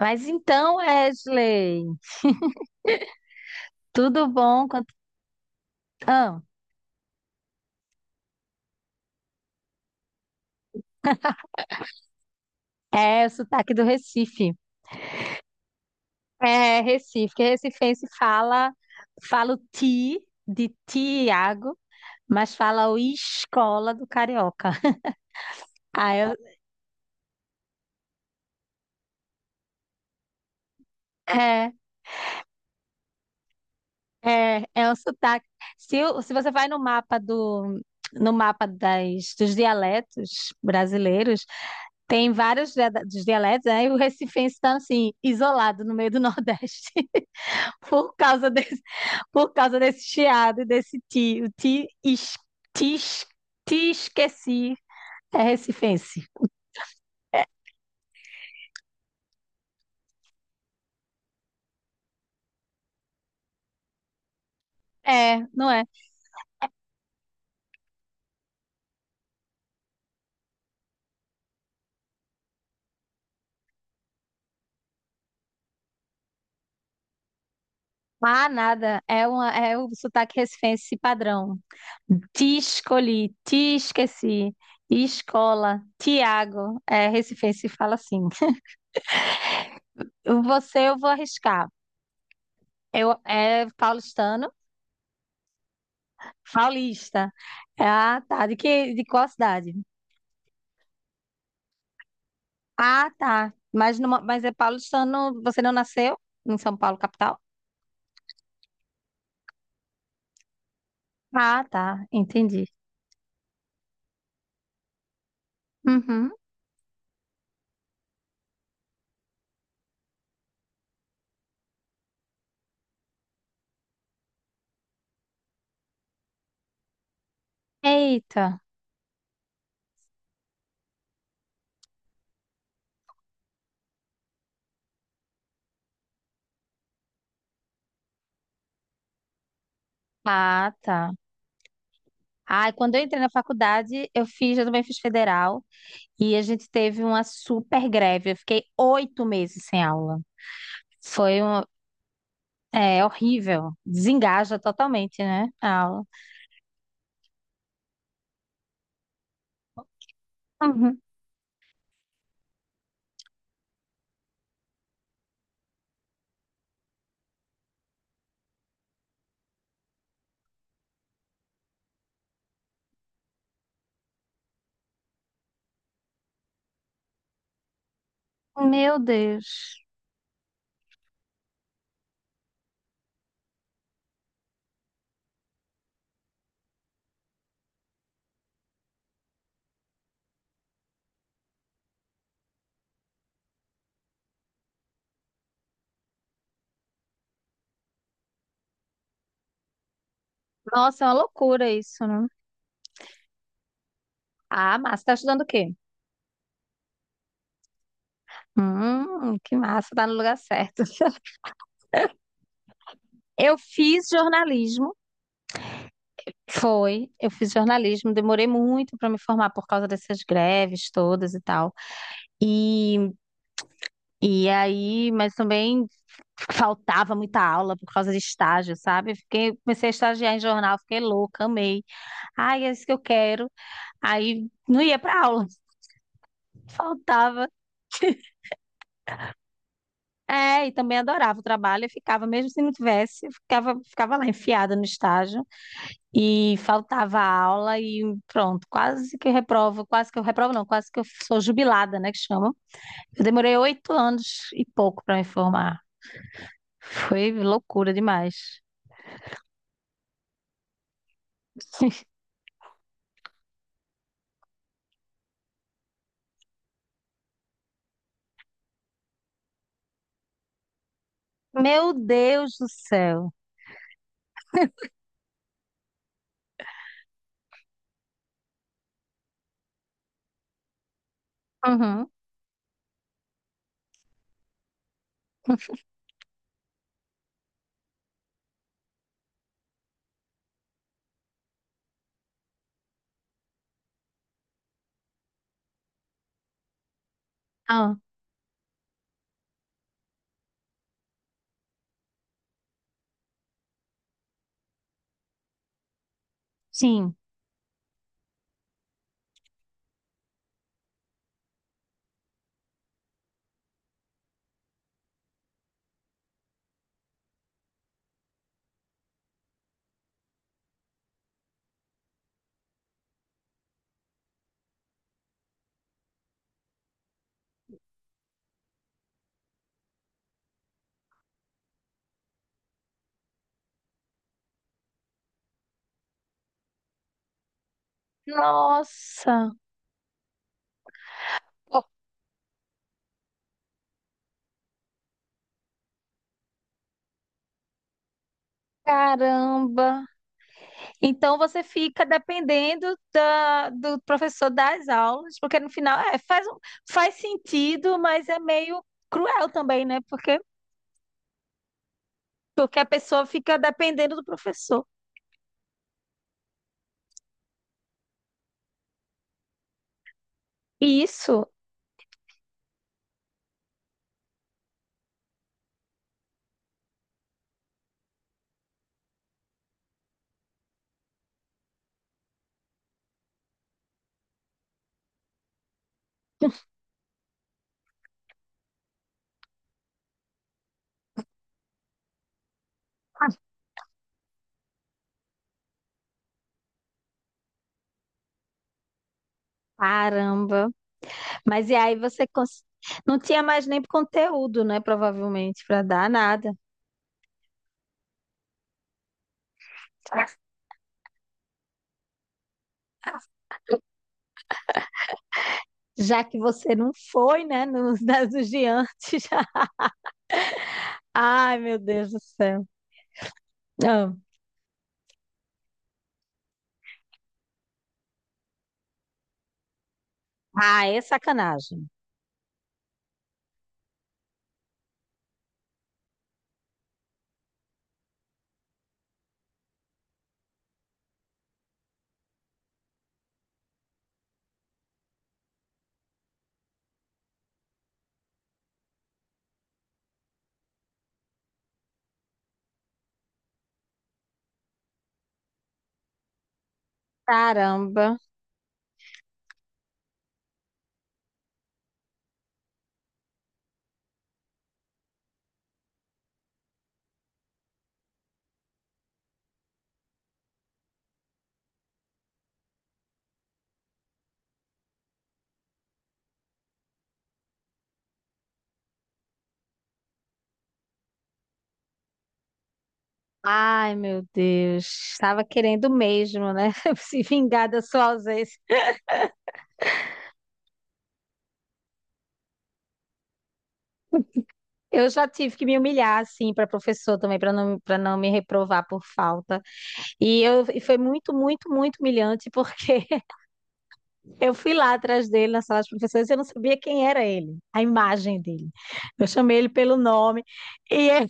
Mas então, Wesley, tudo bom? Quanto... Ah, é o sotaque do Recife. É Recife, que recifense fala, fala o ti de Tiago, mas fala o escola do carioca. Ah, eu- é, é um sotaque. Se você vai no mapa do no mapa dos dialetos brasileiros, tem vários dos dialetos, aí o recifense está assim, isolado no meio do Nordeste. por causa desse, por causa desse chiado e desse ti. O ti, es, ti, es- ti esqueci é recifense. É, não é? Ah, nada. É o sotaque recifense padrão. Te escolhi, te esqueci. Escola, Tiago. É, recifense fala assim. Você eu vou arriscar. É paulistano, paulista. Ah, tá. De qual cidade? Ah, tá. Mas é paulistano, você não nasceu em São Paulo, capital? Ah, tá. Entendi. Uhum. Eita. Ah, tá. Ai, quando eu entrei na faculdade, eu também fiz federal, e a gente teve uma super greve. Eu fiquei 8 meses sem aula. Foi um, Horrível. Desengaja totalmente, né? A aula. Uhum. Meu Deus. Nossa, é uma loucura isso, né? Ah, massa. Tá estudando o quê? Que massa. Tá no lugar certo. Eu fiz jornalismo, foi. Eu fiz jornalismo, demorei muito para me formar por causa dessas greves todas e tal. E, e aí, mas também faltava muita aula por causa de estágio, sabe? Comecei a estagiar em jornal, fiquei louca, amei. Ai, é isso que eu quero. Aí não ia para aula, faltava. É, e também adorava o trabalho, mesmo se não tivesse, eu ficava lá enfiada no estágio. E faltava aula e pronto, quase que eu reprovo, não, quase que eu sou jubilada, né, que chamam. Eu demorei 8 anos e pouco para me formar. Foi loucura demais. Meu Deus do céu. Uhum. Ah, sim. Nossa, oh, caramba. Então você fica dependendo do professor das aulas, porque no final, faz sentido, mas é meio cruel também, né? Porque a pessoa fica dependendo do professor. E Isso, caramba. Mas e aí você cons- não tinha mais nem conteúdo, né? Provavelmente, para dar nada. Já que você não foi, né? Nos das do diante já. Ai, meu Deus do céu. Não. Ah, é sacanagem. Caramba. Ai, meu Deus. Estava querendo mesmo, né? Se vingar da sua ausência. Eu já tive que me humilhar, assim, para professor também, para não me reprovar por falta. E foi muito, muito, muito humilhante, porque eu fui lá atrás dele na sala de professores e eu não sabia quem era ele, a imagem dele. Eu chamei ele pelo nome, e é-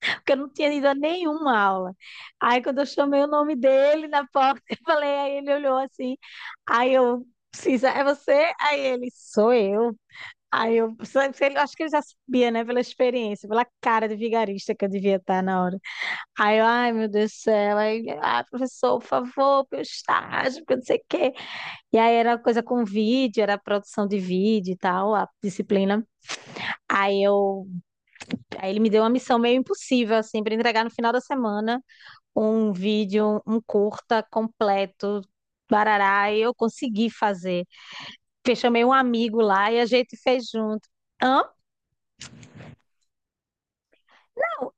porque eu não tinha ido a nenhuma aula. Aí, quando eu chamei o nome dele na porta, eu falei, aí ele olhou assim, aí eu, Cisa, é você? Aí ele, sou eu. Aí eu, só que ele- Acho que ele já sabia, né, pela experiência, pela cara de vigarista que eu devia estar na hora. Ai meu Deus do céu, aí, ah, professor, por favor, meu estágio, porque não sei o quê. E aí era coisa com vídeo, era produção de vídeo e tal, a disciplina. Aí eu, aí ele me deu uma missão meio impossível, assim, para entregar no final da semana um vídeo, um curta completo, barará, e eu consegui fazer. Eu chamei um amigo lá e a gente fez junto. Amo,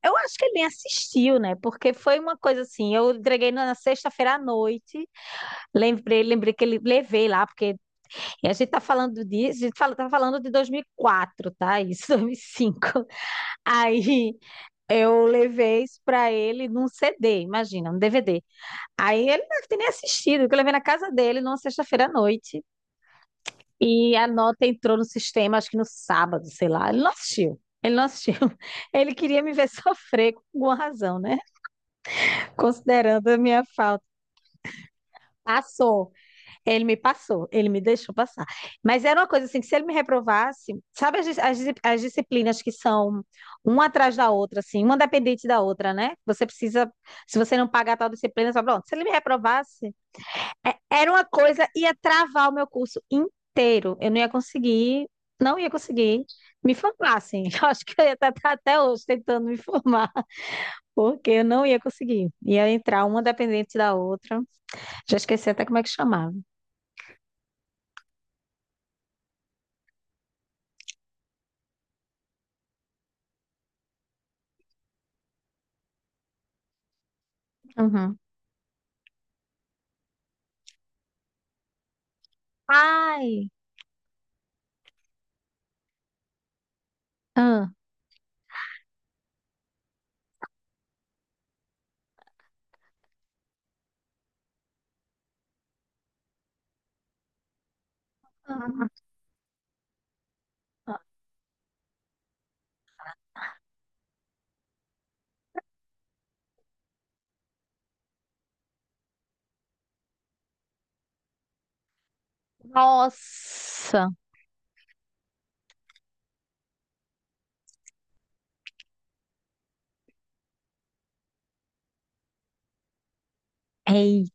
eu acho que ele nem assistiu, né? Porque foi uma coisa assim, eu entreguei na sexta-feira à noite. Lembrei que ele levei lá, porque a gente tá falando disso, a gente fala, tá falando de 2004, tá? Isso, 2005. Aí eu levei isso pra ele num CD, imagina, um DVD. Aí ele não deve nem assistido, que eu levei na casa dele numa sexta-feira à noite. E a nota entrou no sistema, acho que no sábado, sei lá. Ele não assistiu. Ele queria me ver sofrer com alguma razão, né? Considerando a minha falta. Passou. Ele me deixou passar. Mas era uma coisa assim, que se ele me reprovasse, sabe as disciplinas que são uma atrás da outra, assim, uma dependente da outra, né? Se você não pagar tal disciplina, só pronto. Se ele me reprovasse, era uma coisa, ia travar o meu curso inteiro. Eu não ia conseguir, não ia conseguir me formar, assim. Eu acho que eu ia estar até hoje tentando me formar, porque eu não ia conseguir. Ia entrar uma dependente da outra. Já esqueci até como é que chamava. Uhum. Ai! Ah, Ah. nossa. Eita.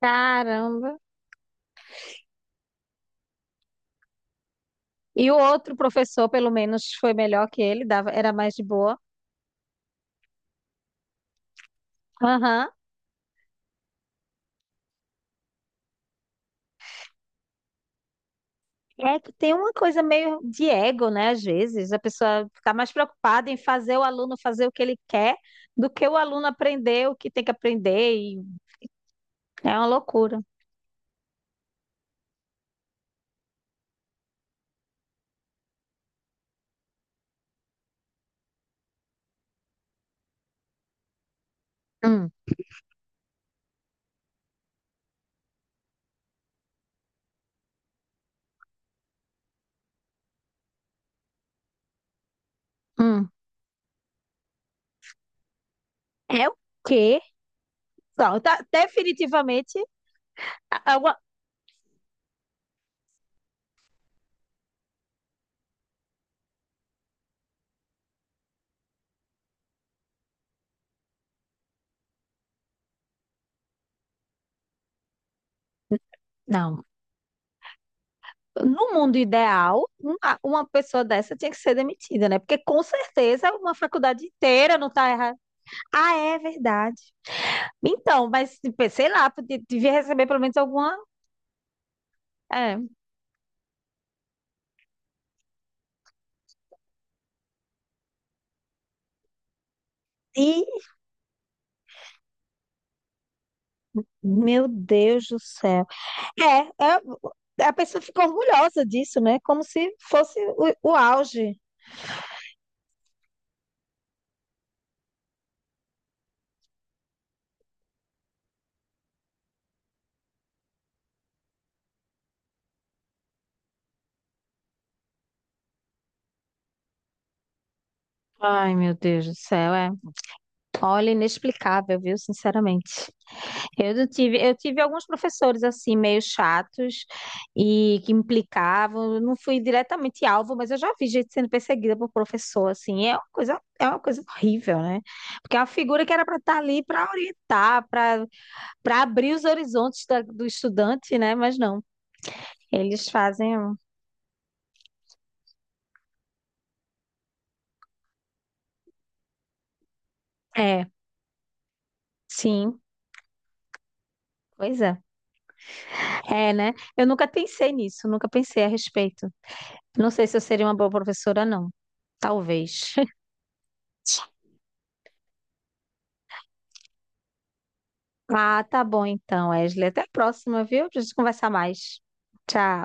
Caramba. E o outro professor, pelo menos, foi melhor que ele, dava, era mais de boa. Aham. É que tem uma coisa meio de ego, né? Às vezes, a pessoa está mais preocupada em fazer o aluno fazer o que ele quer do que o aluno aprender o que tem que aprender. E é uma loucura. Hum, hum. É o quê? Não, tá, definitivamente. Alguma... Não. No mundo ideal, uma pessoa dessa tinha que ser demitida, né? Porque com certeza uma faculdade inteira não está errada. Ah, é verdade. Então, mas tipo, sei lá, podia, devia receber pelo menos alguma. É. E, meu Deus do céu. É, a pessoa ficou orgulhosa disso, né? Como se fosse o auge. Ai, meu Deus do céu, é. Olha, inexplicável, viu? Sinceramente. Eu não tive, Eu tive alguns professores assim meio chatos e que implicavam. Eu não fui diretamente alvo, mas eu já vi gente sendo perseguida por professor assim. É uma coisa horrível, né? Porque é uma figura que era para estar ali para orientar, para abrir os horizontes do estudante, né? Mas não, eles fazem. um- É, sim, pois é. É, né? Eu nunca pensei nisso, Nunca pensei a respeito. Não sei se eu seria uma boa professora, não. Talvez. Ah, tá bom então, Wesley. Até a próxima, viu? Pra gente conversar mais. Tchau.